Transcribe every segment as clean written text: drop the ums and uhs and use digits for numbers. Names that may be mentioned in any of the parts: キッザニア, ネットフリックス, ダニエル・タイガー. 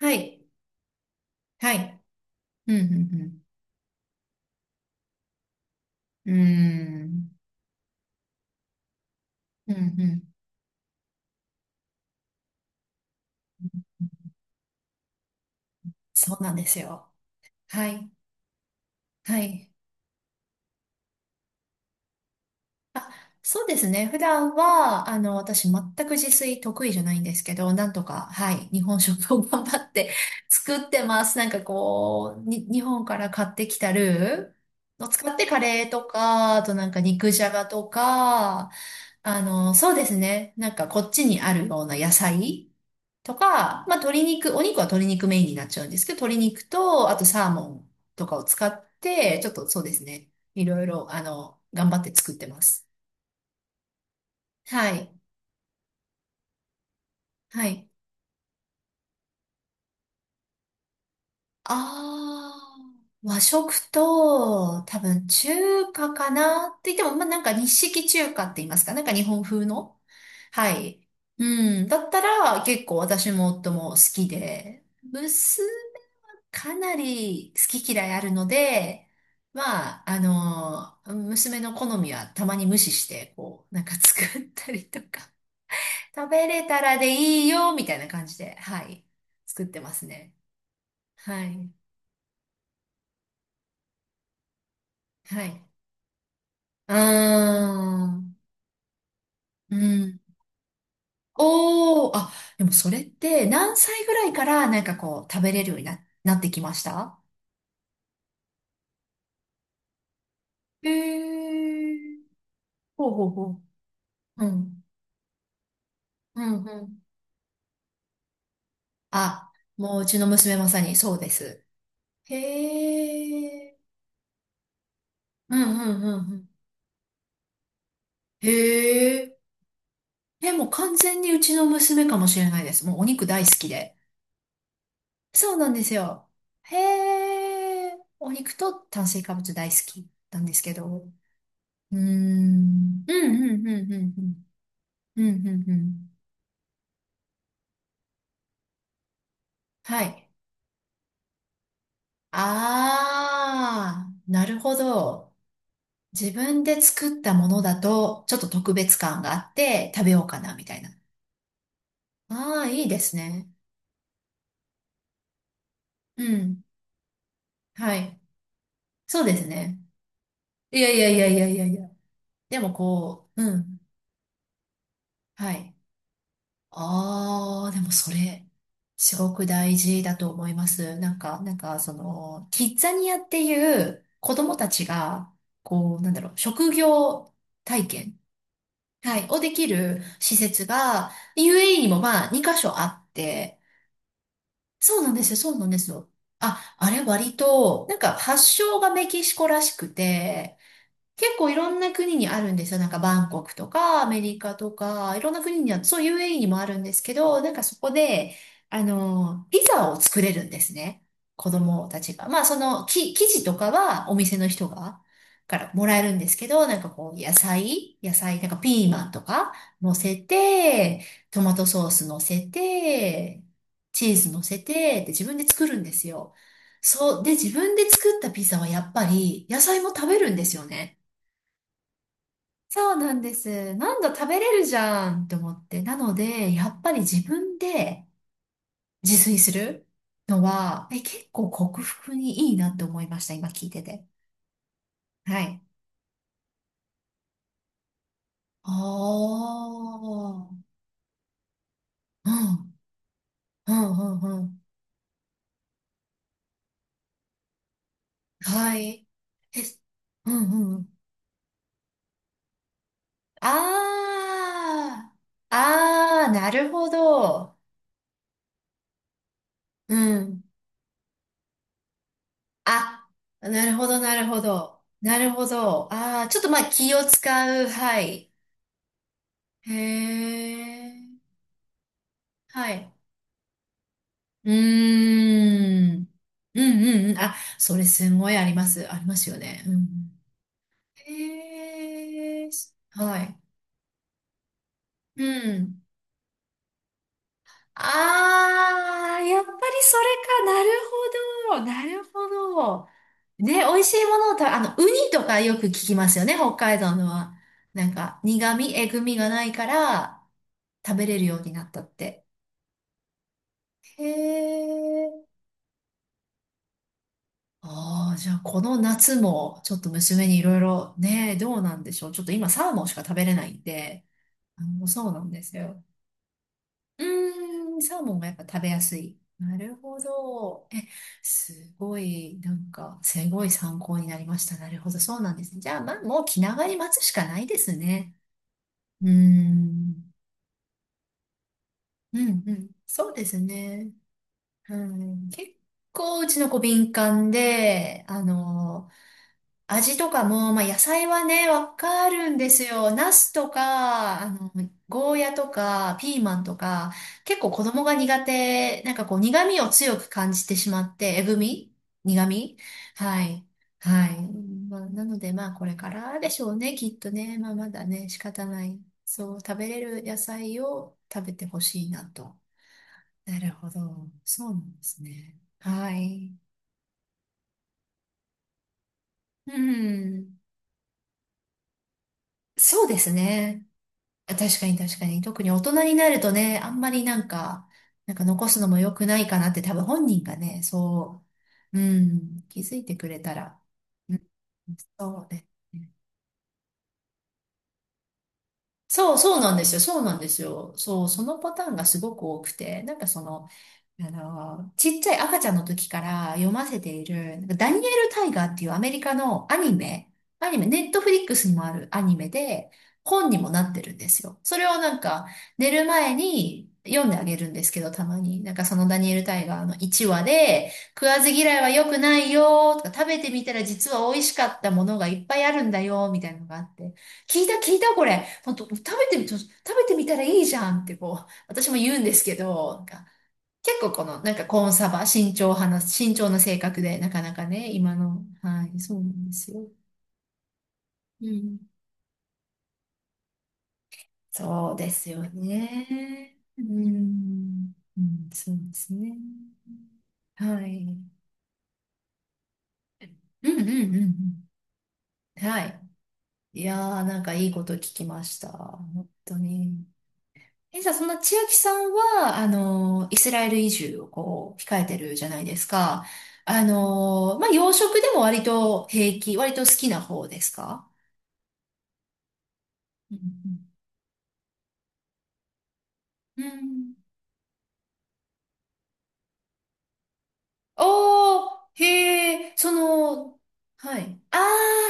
はい。はい。うん、うん、うん。うーん。うん、うん。そうなんですよ。はい。はい。あ、そうですね。普段は、私、全く自炊得意じゃないんですけど、なんとか、はい。日本食を頑張って 作ってます。なんかこう、日本から買ってきたルーを使ってカレーとか、あとなんか肉じゃがとか、そうですね。なんかこっちにあるような野菜。とか、まあ、鶏肉、お肉は鶏肉メインになっちゃうんですけど、鶏肉と、あとサーモンとかを使って、ちょっとそうですね。いろいろ、頑張って作ってます。はい。はい。あ和食と、多分中華かなって言っても、まあ、なんか日式中華って言いますか、なんか日本風の。はい。うん。だったら、結構私も夫も好きで、娘かなり好き嫌いあるので、まあ、娘の好みはたまに無視して、こう、なんか作ったりとか、食べれたらでいいよ、みたいな感じで、はい、作ってますね。はい、はい。あうん。おー、あ、でもそれって何歳ぐらいからなんかこう、食べれるようになってきました？へー、ほうほうほう。うん、うん、うん、あ、もううちの娘まさにそうです。へえ。うんうんうんうん。へえ。え、もう完全にうちの娘かもしれないです。もうお肉大好きで。そうなんですよ。へえ。お肉と炭水化物大好きなんですけど。うーん。うんうんうんうんうん。うんうんうん。はい。ああ、なるほど。自分で作ったものだと、ちょっと特別感があって食べようかな、みたいな。ああ、いいですね。うん。はい。そうですね。いやいやいやいやいやいや。でもこう、うん。はい。ああ、でもそれ、すごく大事だと思います。なんか、キッザニアっていう子供たちが、こう、なんだろう、職業体験、はい、をできる施設が、UAE にもまあ、2箇所あって、そうなんですよ、そうなんですよ。あ、あれ割と、なんか発祥がメキシコらしくて、結構いろんな国にあるんですよ。なんかバンコクとかアメリカとか、いろんな国には、そう UAE にもあるんですけど、なんかそこで、ピザを作れるんですね。子供たちが。まあその、生地とかはお店の人が、からもらえるんですけど、なんかこう、野菜、野菜、なんかピーマンとか乗せて、トマトソース乗せて、チーズ乗せて、で自分で作るんですよ。そう。で、自分で作ったピザはやっぱり野菜も食べるんですよね。そうなんです。何度食べれるじゃんって思って。なので、やっぱり自分で自炊するのは、結構克服にいいなって思いました。今聞いてて。はい。ああ。うん。うんうんうん。はい。え、うんうん。ああ。ああ、なるほど。うん。あ、なるほど、なるほど。なるほど。ああ、ちょっとまあ気を使う。はい。へえ、はい。うーん。うんうんうん。あ、それすごいあります。ありますよね。うん。へえ、はい。うん。ああ、やっぱりそれか。なるほど。なるほど。ね、美味しいものを食べ、あの、ウニとかよく聞きますよね、北海道のは。なんか、苦味、えぐみがないから、食べれるようになったって。へえ。ああ、じゃあこの夏もちょっと娘にいろいろね、どうなんでしょう。ちょっと今サーモンしか食べれないんで、そうなんですよ。うーん、サーモンがやっぱ食べやすい。なるほど。え、すごい、なんか、すごい参考になりました。なるほど、そうなんですね。じゃあ、まあ、もう気長に待つしかないですね。うーん、うん、うん、そうですね。うん、結構うちの子敏感で、味とかも、まあ、野菜はね、わかるんですよ。ナスとか、ゴーヤとか、ピーマンとか、結構子供が苦手、なんかこう、苦味を強く感じてしまって、えぐみ苦味はい。はい。まあ、なので、まあ、これからでしょうね、きっとね。まあ、まだね、仕方ない。そう、食べれる野菜を食べてほしいなと。なるほど。そうなんですね。はい。うん。そうですね。あ確かに確かに。特に大人になるとね、あんまりなんか残すのも良くないかなって多分本人がね、そう、うん、気づいてくれたら、うん、そうね。そう、そうなんですよ。そうなんですよ。そう、そのパターンがすごく多くて、なんかその、ちっちゃい赤ちゃんの時から読ませている、なんかダニエル・タイガーっていうアメリカのアニメ、ネットフリックスにもあるアニメで、本にもなってるんですよ。それをなんか、寝る前に読んであげるんですけど、たまに。なんかそのダニエル・タイガーの1話で、食わず嫌いは良くないよ、とか、食べてみたら実は美味しかったものがいっぱいあるんだよ、みたいなのがあって。聞いた聞いたこれ。ほんと食べてみたらいいじゃんってこう、私も言うんですけど、なんか結構この、なんかコーンサバ、慎重な性格で、なかなかね、今の、はい、そうなんですよ。うん。そうですよね。うん。うん、そうですね。はい。うんうんうんうん。はい。いやー、なんかいいこと聞きました。本当に。え、じゃあ、そんな千秋さんは、イスラエル移住をこう、控えてるじゃないですか。まあ、洋食でも割と平気、割と好きな方ですか？うんうん。うんおー、へえ、その、はい。あ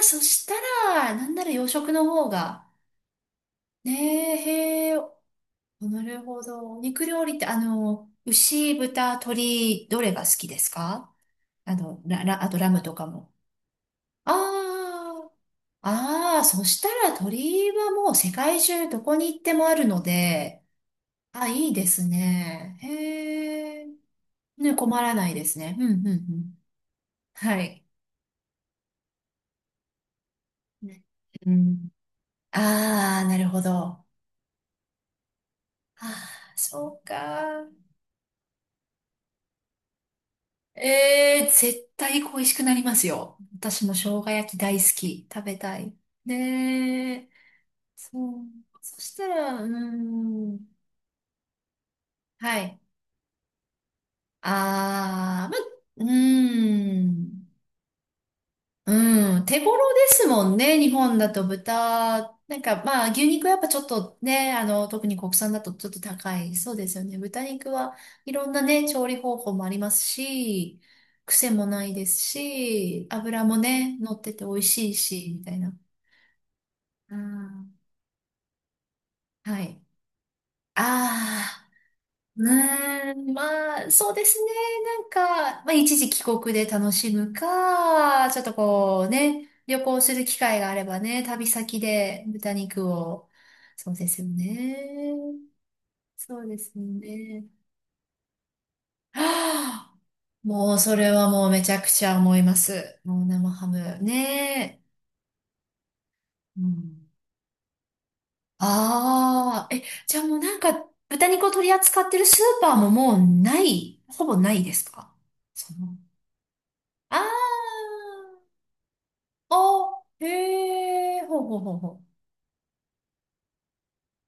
ー、そしたら、なんなら洋食の方が。ねえ、へえ、なるほど。お肉料理って、牛、豚、鶏、どれが好きですか？あの、ラ、ラ、あとラムとかも。あーああ、そしたら鳥居はもう世界中どこに行ってもあるので、あ、いいですね。へえ。ね、困らないですね。うん、うん、うん。はい。ねうん。ああ、なるほど。ああ、そうか。ええ、絶対恋しくなりますよ。私も生姜焼き大好き。食べたい。ねえ。そう。そしたら、うーん。はい。ああ、ま、うーん。うん、手頃ですもんね、日本だと豚。なんかまあ牛肉はやっぱちょっとね、特に国産だとちょっと高い。そうですよね。豚肉はいろんなね、調理方法もありますし、癖もないですし、油もね、乗ってて美味しいし、みたいな。うんはい。ああ。うーん、まあ、そうですね。なんか、まあ、一時帰国で楽しむか、ちょっとこうね、旅行する機会があればね、旅先で豚肉を。そうですよね。そうですよね。はあ、もうそれはもうめちゃくちゃ思います。もう生ハム。ねえ。うん。ああ、え、じゃあもうなんか、豚肉を取り扱ってるスーパーももうない、ほぼないですか？そのああ、あ、へえ、ほうほうほうほ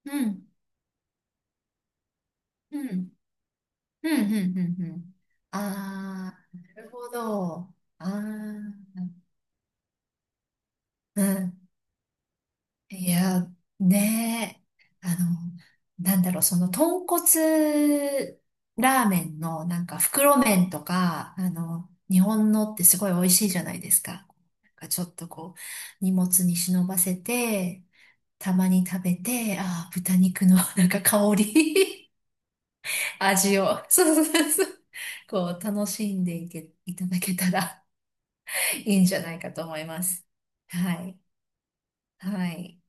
う。うん、うん、うん、うん、うん、うん。ああ、なるほど。ああ、うん。いや、ねえ、なんだろう、その豚骨ラーメンのなんか袋麺とか、日本のってすごい美味しいじゃないですか。なんかちょっとこう、荷物に忍ばせて、たまに食べて、ああ、豚肉のなんか香り味を、そうそうそうそう、こう、楽しんでいけ、いただけたらいいんじゃないかと思います。はい。はい。